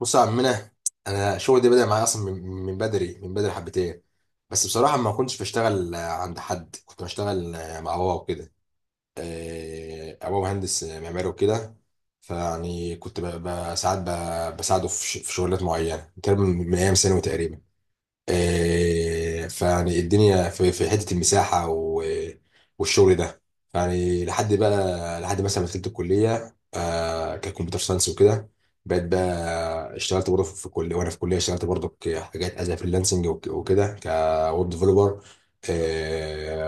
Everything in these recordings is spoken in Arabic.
بص يا عمنا. انا الشغل ده بدأ معايا اصلا من بدري حبتين بس بصراحه ما كنتش بشتغل عند حد، كنت بشتغل مع بابا وكده. بابا مهندس معماري وكده، فيعني كنت ساعات بساعده في في شغلات معينه، تقريبا من ايام ثانوي تقريبا. فيعني الدنيا في حته المساحه والشغل ده، يعني لحد بقى لحد مثلا ما دخلت الكليه، ككمبيوتر ساينس وكده، بقيت اشتغلت برضه في كليه، وانا في كليه اشتغلت برضه حاجات از فريلانسنج وكده كويب ديفلوبر،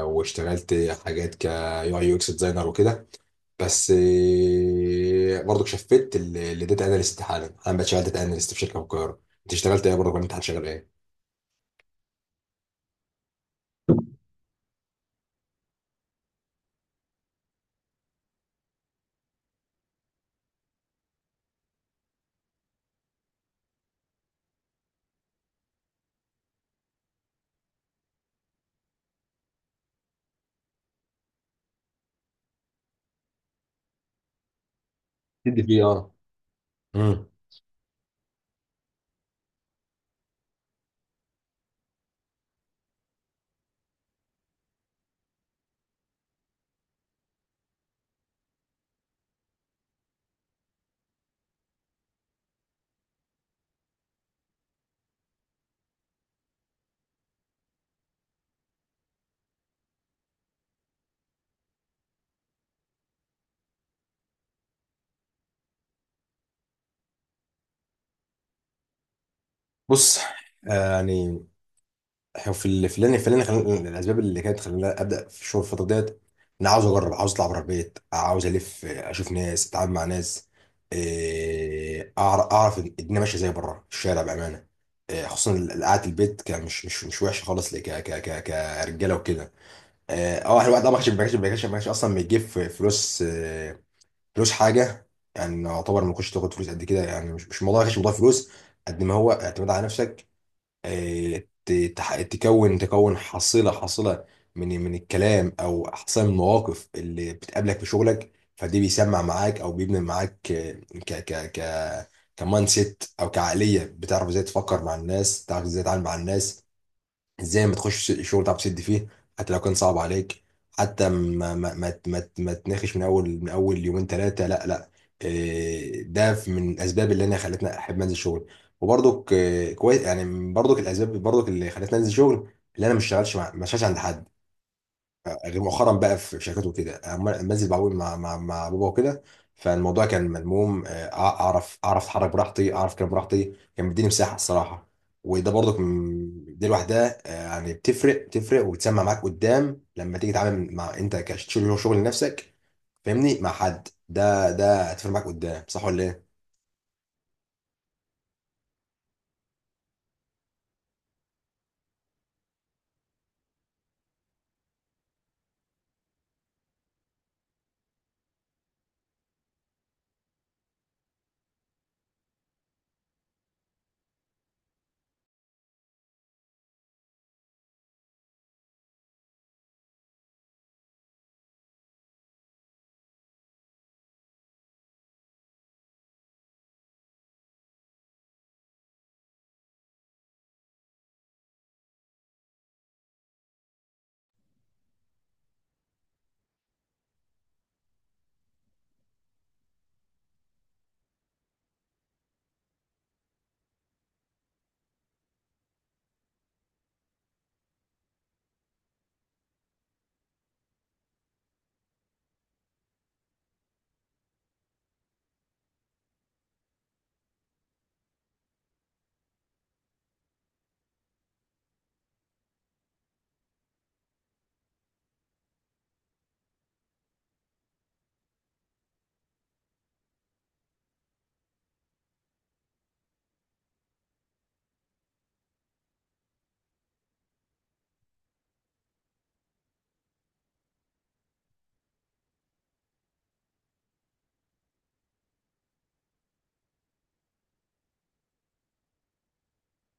واشتغلت حاجات كيو اي يو اكس ديزاينر وكده. بس برضه شفت لداتا اناليست، حالا انا بقيت شغال داتا اناليست في شركه في القاهره. انت اشتغلت ايه برضه، ولا انت هتشتغل ايه؟ تدي فيه اه. مم. بص، يعني إحنا في ال- في اللي خلاني، الاسباب اللي كانت خلاني ابدا في الشغل الفتره ديت، انا عاوز اجرب، عاوز اطلع بره البيت، عاوز الف، اشوف ناس، اتعامل مع ناس، اعرف الدنيا ماشيه زي بره الشارع بامانه. خصوصا قعده البيت كان مش وحشه خالص، ك ك ك كرجاله وكده. احنا الواحد اه ما كانش اصلا بيجيب فلوس، فلوس حاجه، يعني يعتبر ما كنتش تاخد فلوس قد كده. يعني مش الموضوع، ما كانش موضوع فلوس قد ما هو اعتماد على نفسك. تكون حصيلة من الكلام، او حصيلة من المواقف اللي بتقابلك في شغلك، فدي بيسمع معاك او بيبني معاك، ك ك ك كمايند سيت او كعقلية، بتعرف ازاي تفكر مع الناس، تعرف ازاي تتعامل مع الناس، ازاي ما تخش شغل تعرف تسد فيه حتى لو كان صعب عليك، حتى ما تناقش من اول يومين ثلاثه، لا لا. إيه، ده من الاسباب اللي انا خلتنا احب انزل شغل. وبرضك إيه، كويس يعني، برضك الاسباب برضك اللي خلتنا انزل شغل، اللي انا ما اشتغلش ما اشتغلش عند حد غير مؤخرا بقى في شركات وكده. أما انزل بعوم مع بابا وكده، فالموضوع كان ملموم. اعرف اتحرك براحتي، اعرف كلام براحتي، كان بيديني مساحه الصراحه. وده برضك، دي لوحدها يعني بتفرق وبتسمع معاك قدام لما تيجي تتعامل مع انت كشغل، شغل لنفسك، فاهمني، مع حد، ده هتفرق معاك قدام. صح ولا ايه؟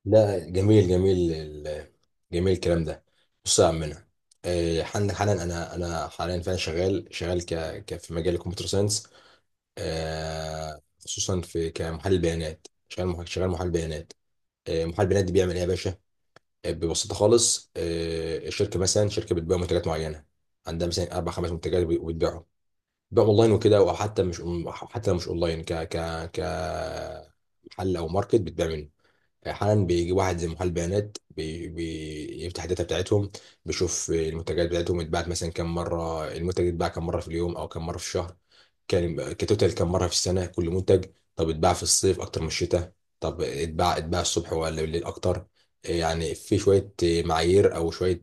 لا، جميل جميل، جميل الكلام ده. بص يا عمنا، عندك حالا، انا حاليا فعلا شغال في مجال الكمبيوتر ساينس، خصوصا في كمحلل بيانات، شغال محلل بيانات. محلل بيانات دي بيعمل ايه يا باشا؟ ببساطه خالص، الشركه مثلا، شركه بتبيع منتجات معينه، عندها مثلا اربع خمس منتجات، وبتبيعهم بيع اونلاين وكده، او حتى مش حتى لو مش اونلاين، ك ك ك محل او ماركت بتبيع منه. احيانا بيجي واحد زي محلل بيانات، بيفتح الداتا بتاعتهم، بيشوف المنتجات بتاعتهم اتباعت مثلا كم مره، المنتج اتباع كم مره في اليوم، او كم مره في الشهر، كان كتوتال كم مره في السنه، كل منتج. طب اتباع في الصيف اكتر من الشتاء؟ طب اتباع الصبح ولا بالليل اكتر؟ يعني في شويه معايير او شويه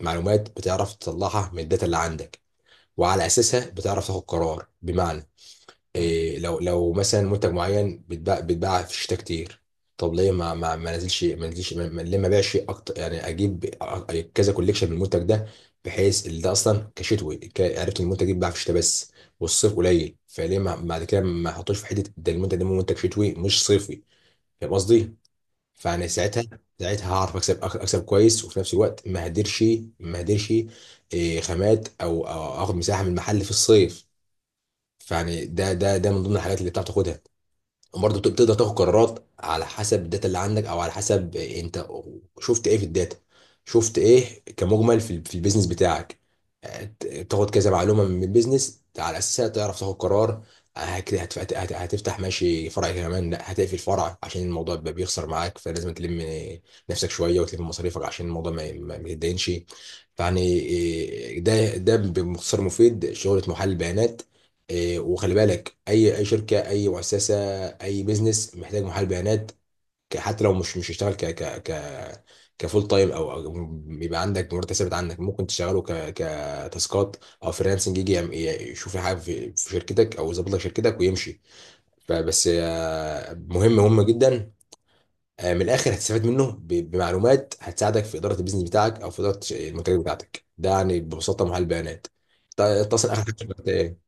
معلومات بتعرف تطلعها من الداتا اللي عندك، وعلى اساسها بتعرف تاخد قرار. بمعنى إيه، لو لو مثلا منتج معين بيتباع في الشتاء كتير، طب ليه ما ما ما نزلش ما نزلش ما ما- ليه ما بيعش اكتر؟ يعني اجيب، كذا كوليكشن من المنتج ده، بحيث اللي ده اصلا كشتوي. عرفت إن المنتج ده بيتباع في الشتاء بس، والصيف قليل، فليه ما بعد كده ما احطوش في حته ده؟ المنتج ده منتج شتوي مش صيفي، فاهم قصدي؟ فانا ساعتها، ساعتها هعرف اكسب، اكسب كويس، وفي نفس الوقت ما هديرش، ما هديرش إيه، خامات او أو اخد مساحه من المحل في الصيف. فيعني ده ده ده من ضمن الحاجات اللي بتعرف تاخدها. وبرضه بتقدر تاخد قرارات على حسب الداتا اللي عندك، او على حسب انت شفت ايه في الداتا، شفت ايه كمجمل في في البيزنس بتاعك. تاخد كذا معلومه من البيزنس على اساسها تعرف تاخد قرار. هتفتح ماشي فرع كمان، لا هتقفل فرع عشان الموضوع يبقى بيخسر معاك، فلازم تلم نفسك شويه وتلم مصاريفك عشان الموضوع ما يتدينش. فيعني إيه، ده ده باختصار مفيد شغله محلل البيانات. إيه، وخلي بالك، اي اي شركه، اي مؤسسه، اي بيزنس محتاج محلل بيانات. حتى لو مش هشتغل ك ك ك كفول تايم، او أو بيبقى عندك مرتب ثابت، عندك ممكن تشتغله ك كتاسكات او فريلانسنج، يجي يشوف حاجه في في شركتك او يظبط لك شركتك ويمشي. فبس مهم، مهم جدا. من الاخر هتستفاد منه بمعلومات هتساعدك في اداره البيزنس بتاعك او في اداره المنتجات بتاعتك. ده يعني ببساطه محلل بيانات. اتصل اخر حاجه شغلت ايه.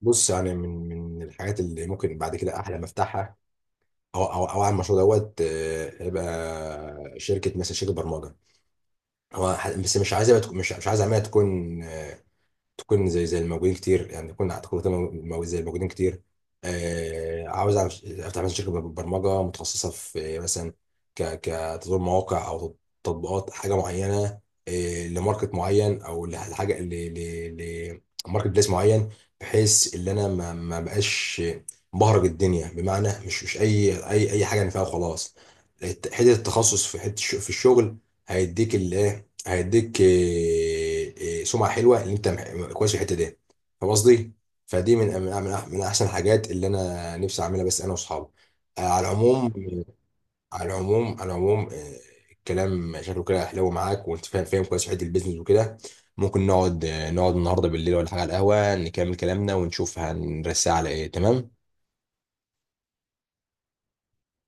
بص، يعني من الحاجات اللي ممكن بعد كده احلم افتحها، هو عامل المشروع دوت، هيبقى شركه مثلا، شركه برمجه، هو بس مش عايز يبقى مش مش عايز اعملها تكون، تكون زي الموجودين كتير، يعني زي الموجودين كتير. عاوز افتح مثلا شركه برمجه متخصصه في مثلا كتطوير مواقع او تطبيقات حاجه معينه، لماركت معين او لحاجه، لماركت بليس معين، بحيث ان انا ما ما بقاش مبهرج الدنيا، بمعنى مش مش اي حاجه انا فيها وخلاص. حته التخصص في حته في الشغل هيديك الايه، هيديك سمعه حلوه ان انت كويس في الحته دي، فاهم قصدي. فدي من احسن الحاجات اللي انا نفسي اعملها، بس انا واصحابي، على العموم. على العموم، الكلام شكله كده حلو معاك، وانت فاهم، كويس في حته البيزنس وكده. ممكن نقعد، نقعد النهارده بالليل ولا حاجه على القهوه، نكمل كلامنا ونشوف هنرسي على ايه. تمام؟